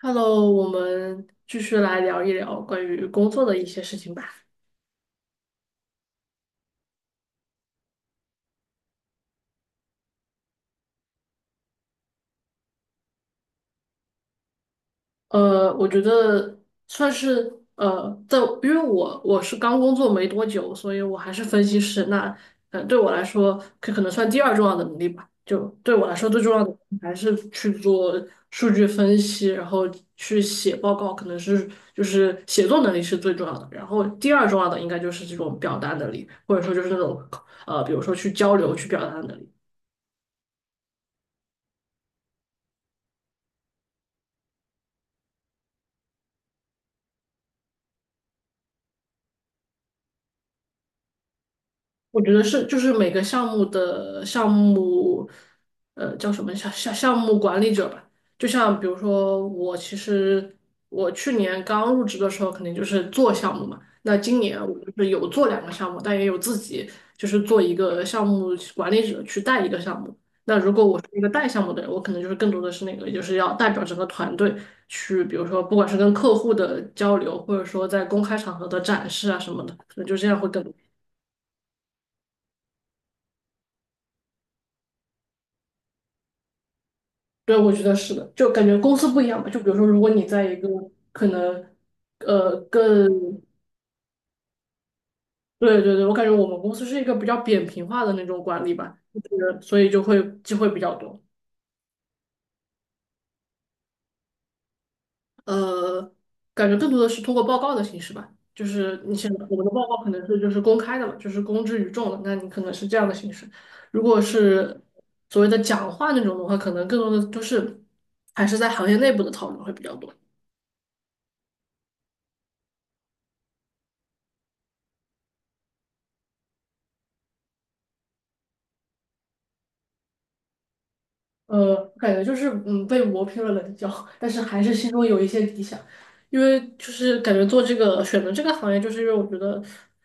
Hello，我们继续来聊一聊关于工作的一些事情吧。我觉得算是在因为我是刚工作没多久，所以我还是分析师。那对我来说，这可能算第二重要的能力吧。就对我来说，最重要的还是去做数据分析，然后去写报告，可能是就是写作能力是最重要的。然后第二重要的应该就是这种表达能力，或者说就是那种比如说去交流、去表达的能力。我觉得是，就是每个项目的项目，叫什么项目管理者吧。就像比如说，我其实我去年刚入职的时候，肯定就是做项目嘛。那今年我就是有做两个项目，但也有自己就是做一个项目管理者去带一个项目。那如果我是一个带项目的人，我可能就是更多的是那个，就是要代表整个团队去，比如说不管是跟客户的交流，或者说在公开场合的展示啊什么的，可能就这样会更多。对，我觉得是的，就感觉公司不一样吧。就比如说，如果你在一个可能，呃，更，对对对，我感觉我们公司是一个比较扁平化的那种管理吧，就是所以就会机会比较多。呃，感觉更多的是通过报告的形式吧，就是你想我们的报告可能是就是公开的嘛，就是公之于众的，那你可能是这样的形式。如果是所谓的讲话那种的话，可能更多的就是还是在行业内部的讨论会比较多。感觉就是被磨平了棱角，但是还是心中有一些理想，因为就是感觉做这个选择这个行业，就是因为我觉得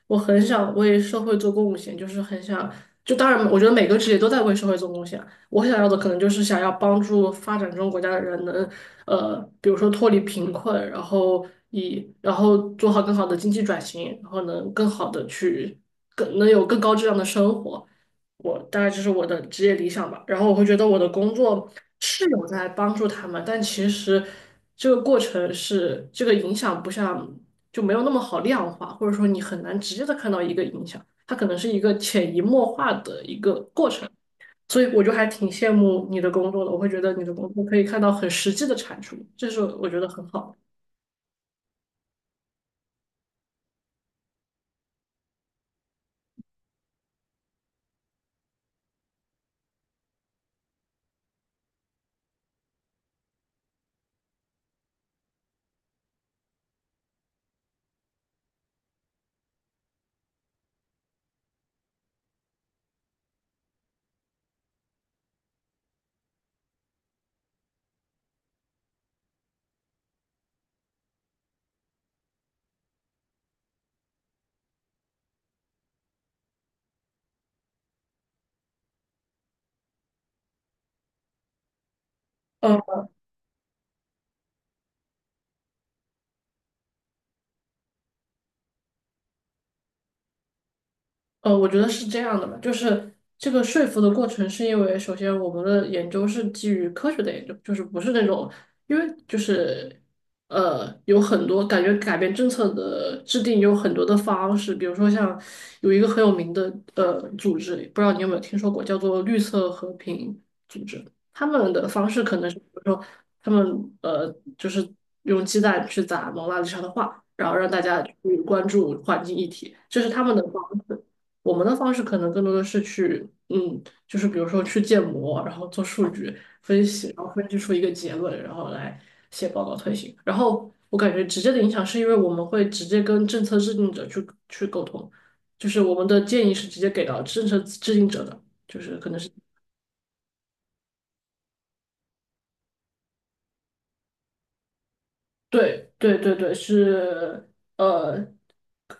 我很想为社会做贡献，就是很想就当然我觉得每个职业都在为社会做贡献啊，我想要的可能就是想要帮助发展中国家的人能比如说脱离贫困，然后以然后做好更好的经济转型，然后能更好的去更能有更高质量的生活。我大概就是我的职业理想吧。然后我会觉得我的工作是有在帮助他们，但其实这个过程是这个影响不像就没有那么好量化，或者说你很难直接的看到一个影响，它可能是一个潜移默化的一个过程。所以我就还挺羡慕你的工作的，我会觉得你的工作可以看到很实际的产出，这是我觉得很好。嗯。我觉得是这样的吧，就是这个说服的过程，是因为首先我们的研究是基于科学的研究，就是不是那种，因为就是有很多感觉改变政策的制定有很多的方式，比如说像有一个很有名的组织，不知道你有没有听说过，叫做绿色和平组织，他们的方式可能是比如说他们呃就是用鸡蛋去砸蒙娜丽莎的画，然后让大家去关注环境议题，这是他们的方式。我们的方式可能更多的是去，嗯，就是比如说去建模，然后做数据分析，然后分析出一个结论，然后来写报告推行。然后我感觉直接的影响是因为我们会直接跟政策制定者去沟通，就是我们的建议是直接给到政策制定者的，就是可能是。对对对对，是呃，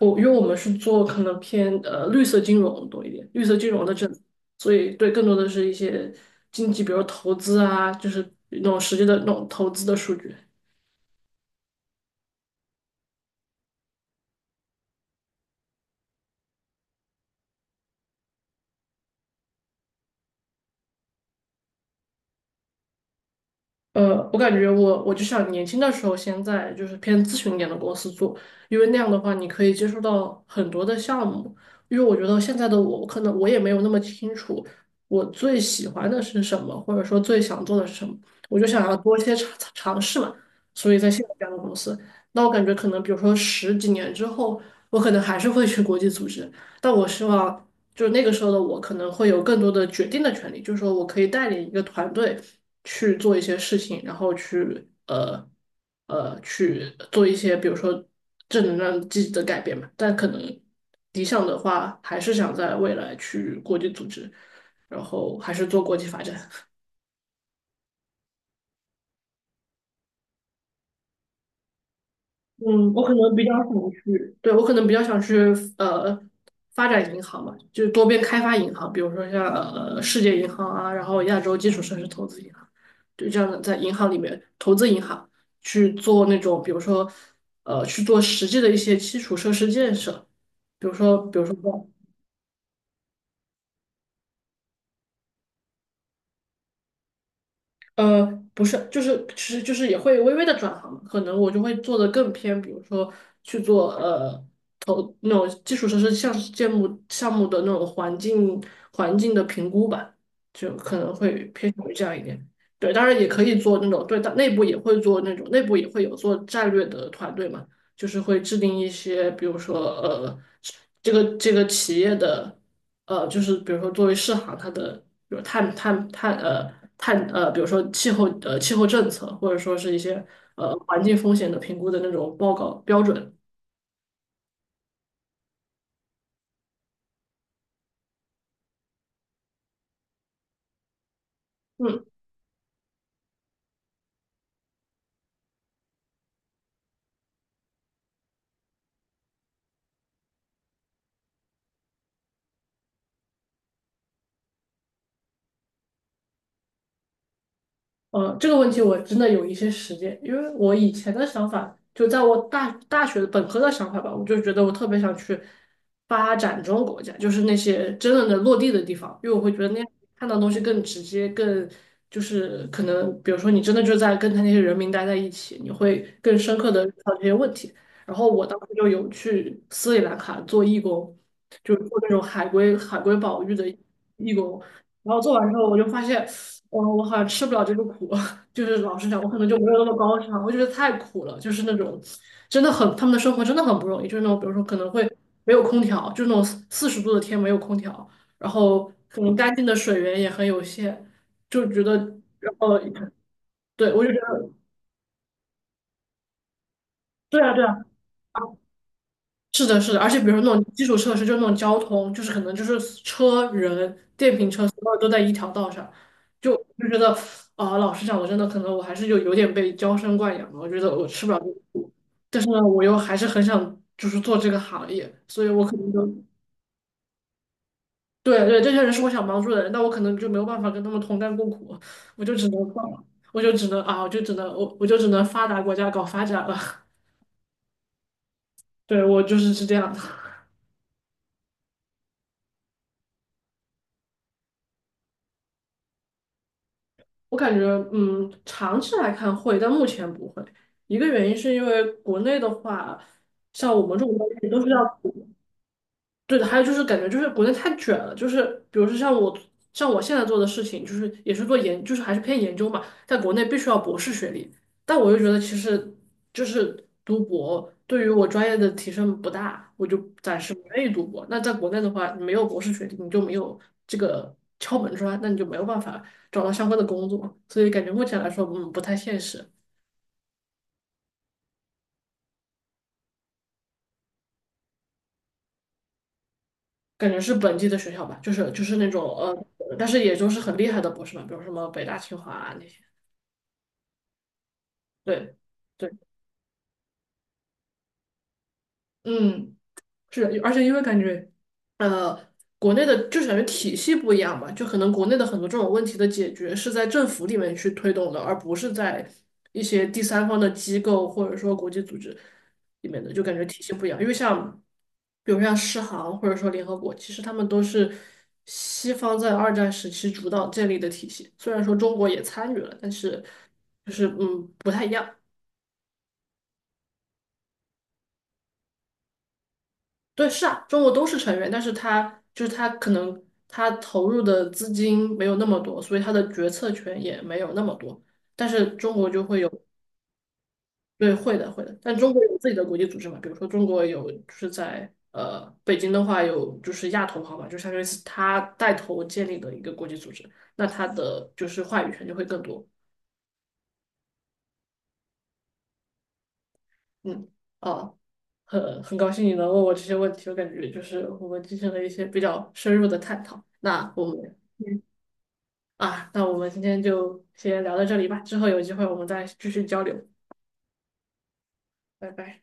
我因为我们是做可能偏绿色金融多一点，绿色金融的政策，所以对更多的是一些经济，比如投资啊，就是那种实际的那种投资的数据。我感觉我就想年轻的时候先在就是偏咨询一点的公司做，因为那样的话你可以接触到很多的项目。因为我觉得现在的我，可能我也没有那么清楚我最喜欢的是什么，或者说最想做的是什么，我就想要多一些尝试嘛。所以在现在这样的公司，那我感觉可能比如说十几年之后，我可能还是会去国际组织，但我希望就是那个时候的我可能会有更多的决定的权利，就是说我可以带领一个团队去做一些事情，然后去去做一些比如说正能量积极的改变嘛。但可能理想的话，还是想在未来去国际组织，然后还是做国际发展。嗯，我可能比较想去，对，我可能比较想去呃发展银行嘛，就多边开发银行，比如说像世界银行啊，然后亚洲基础设施投资银行，就这样的在银行里面投资银行去做那种，比如说去做实际的一些基础设施建设，比如说比如说呃，不是，就是其实就是也会微微的转行嘛，可能我就会做的更偏，比如说去做投那种基础设施项目的那种环境的评估吧，就可能会偏向于这样一点。对，当然也可以做那种，对，但内部也会做那种，内部也会有做战略的团队嘛，就是会制定一些，比如说这个企业的。就是比如说作为世行，它的比如碳，比如说气候政策，或者说是一些环境风险的评估的那种报告标准。嗯。这个问题我真的有一些实践，因为我以前的想法，就在我大学本科的想法吧，我就觉得我特别想去发展中国家，就是那些真正的落地的地方，因为我会觉得那样看到东西更直接，更就是可能，比如说你真的就在跟他那些人民待在一起，你会更深刻的遇到这些问题。然后我当时就有去斯里兰卡做义工，就是做那种海龟保育的义工。然后做完之后，我就发现，哦，我好像吃不了这个苦，就是老实讲，我可能就没有那么高尚，我觉得太苦了，就是那种真的很他们的生活真的很不容易，就是那种比如说可能会没有空调，就是那种四十度的天没有空调，然后可能干净的水源也很有限，就觉得，然后对我就觉得。对啊，对啊，是的，是的，而且比如说那种基础设施，就那种交通，就是可能就是车、人、电瓶车，所有都在一条道上，就觉得啊、老实讲，我真的可能我还是有点被娇生惯养了，我觉得我吃不了这个苦，但是呢，我又还是很想就是做这个行业，所以我可能就对对，这些人是我想帮助的人，但我可能就没有办法跟他们同甘共苦，我就只能放我就只能啊，我就只能我我就只能发达国家搞发展了，对，我就是是这样的。我感觉，嗯，长期来看会，但目前不会。一个原因是因为国内的话，像我们这种东西都是要对的，还有就是感觉就是国内太卷了，就是比如说像我现在做的事情，就是也是做研，就是还是偏研究嘛，在国内必须要博士学历，但我又觉得其实就是读博对于我专业的提升不大，我就暂时不愿意读博。那在国内的话，你没有博士学历，你就没有这个敲门砖，那你就没有办法找到相关的工作，所以感觉目前来说，嗯，不太现实。感觉是本地的学校吧，就是那种，但是也就是很厉害的博士嘛，比如什么北大、清华啊那些。对，对，嗯，是的，而且因为感觉，呃，国内的就是感觉体系不一样吧，就可能国内的很多这种问题的解决是在政府里面去推动的，而不是在一些第三方的机构或者说国际组织里面的，就感觉体系不一样。因为像，比如像世行或者说联合国，其实他们都是西方在二战时期主导建立的体系，虽然说中国也参与了，但是就是不太一样。对，是啊，中国都是成员，但是他就是他可能他投入的资金没有那么多，所以他的决策权也没有那么多。但是中国就会有，对，会的，会的。但中国有自己的国际组织嘛，比如说中国有就是在北京的话有就是亚投行嘛，就相当于是他带头建立的一个国际组织，那他的就是话语权就会更多。嗯，哦，很高兴你能问我这些问题，我感觉就是我们进行了一些比较深入的探讨。那我们。啊，那我们今天就先聊到这里吧，之后有机会我们再继续交流，拜拜。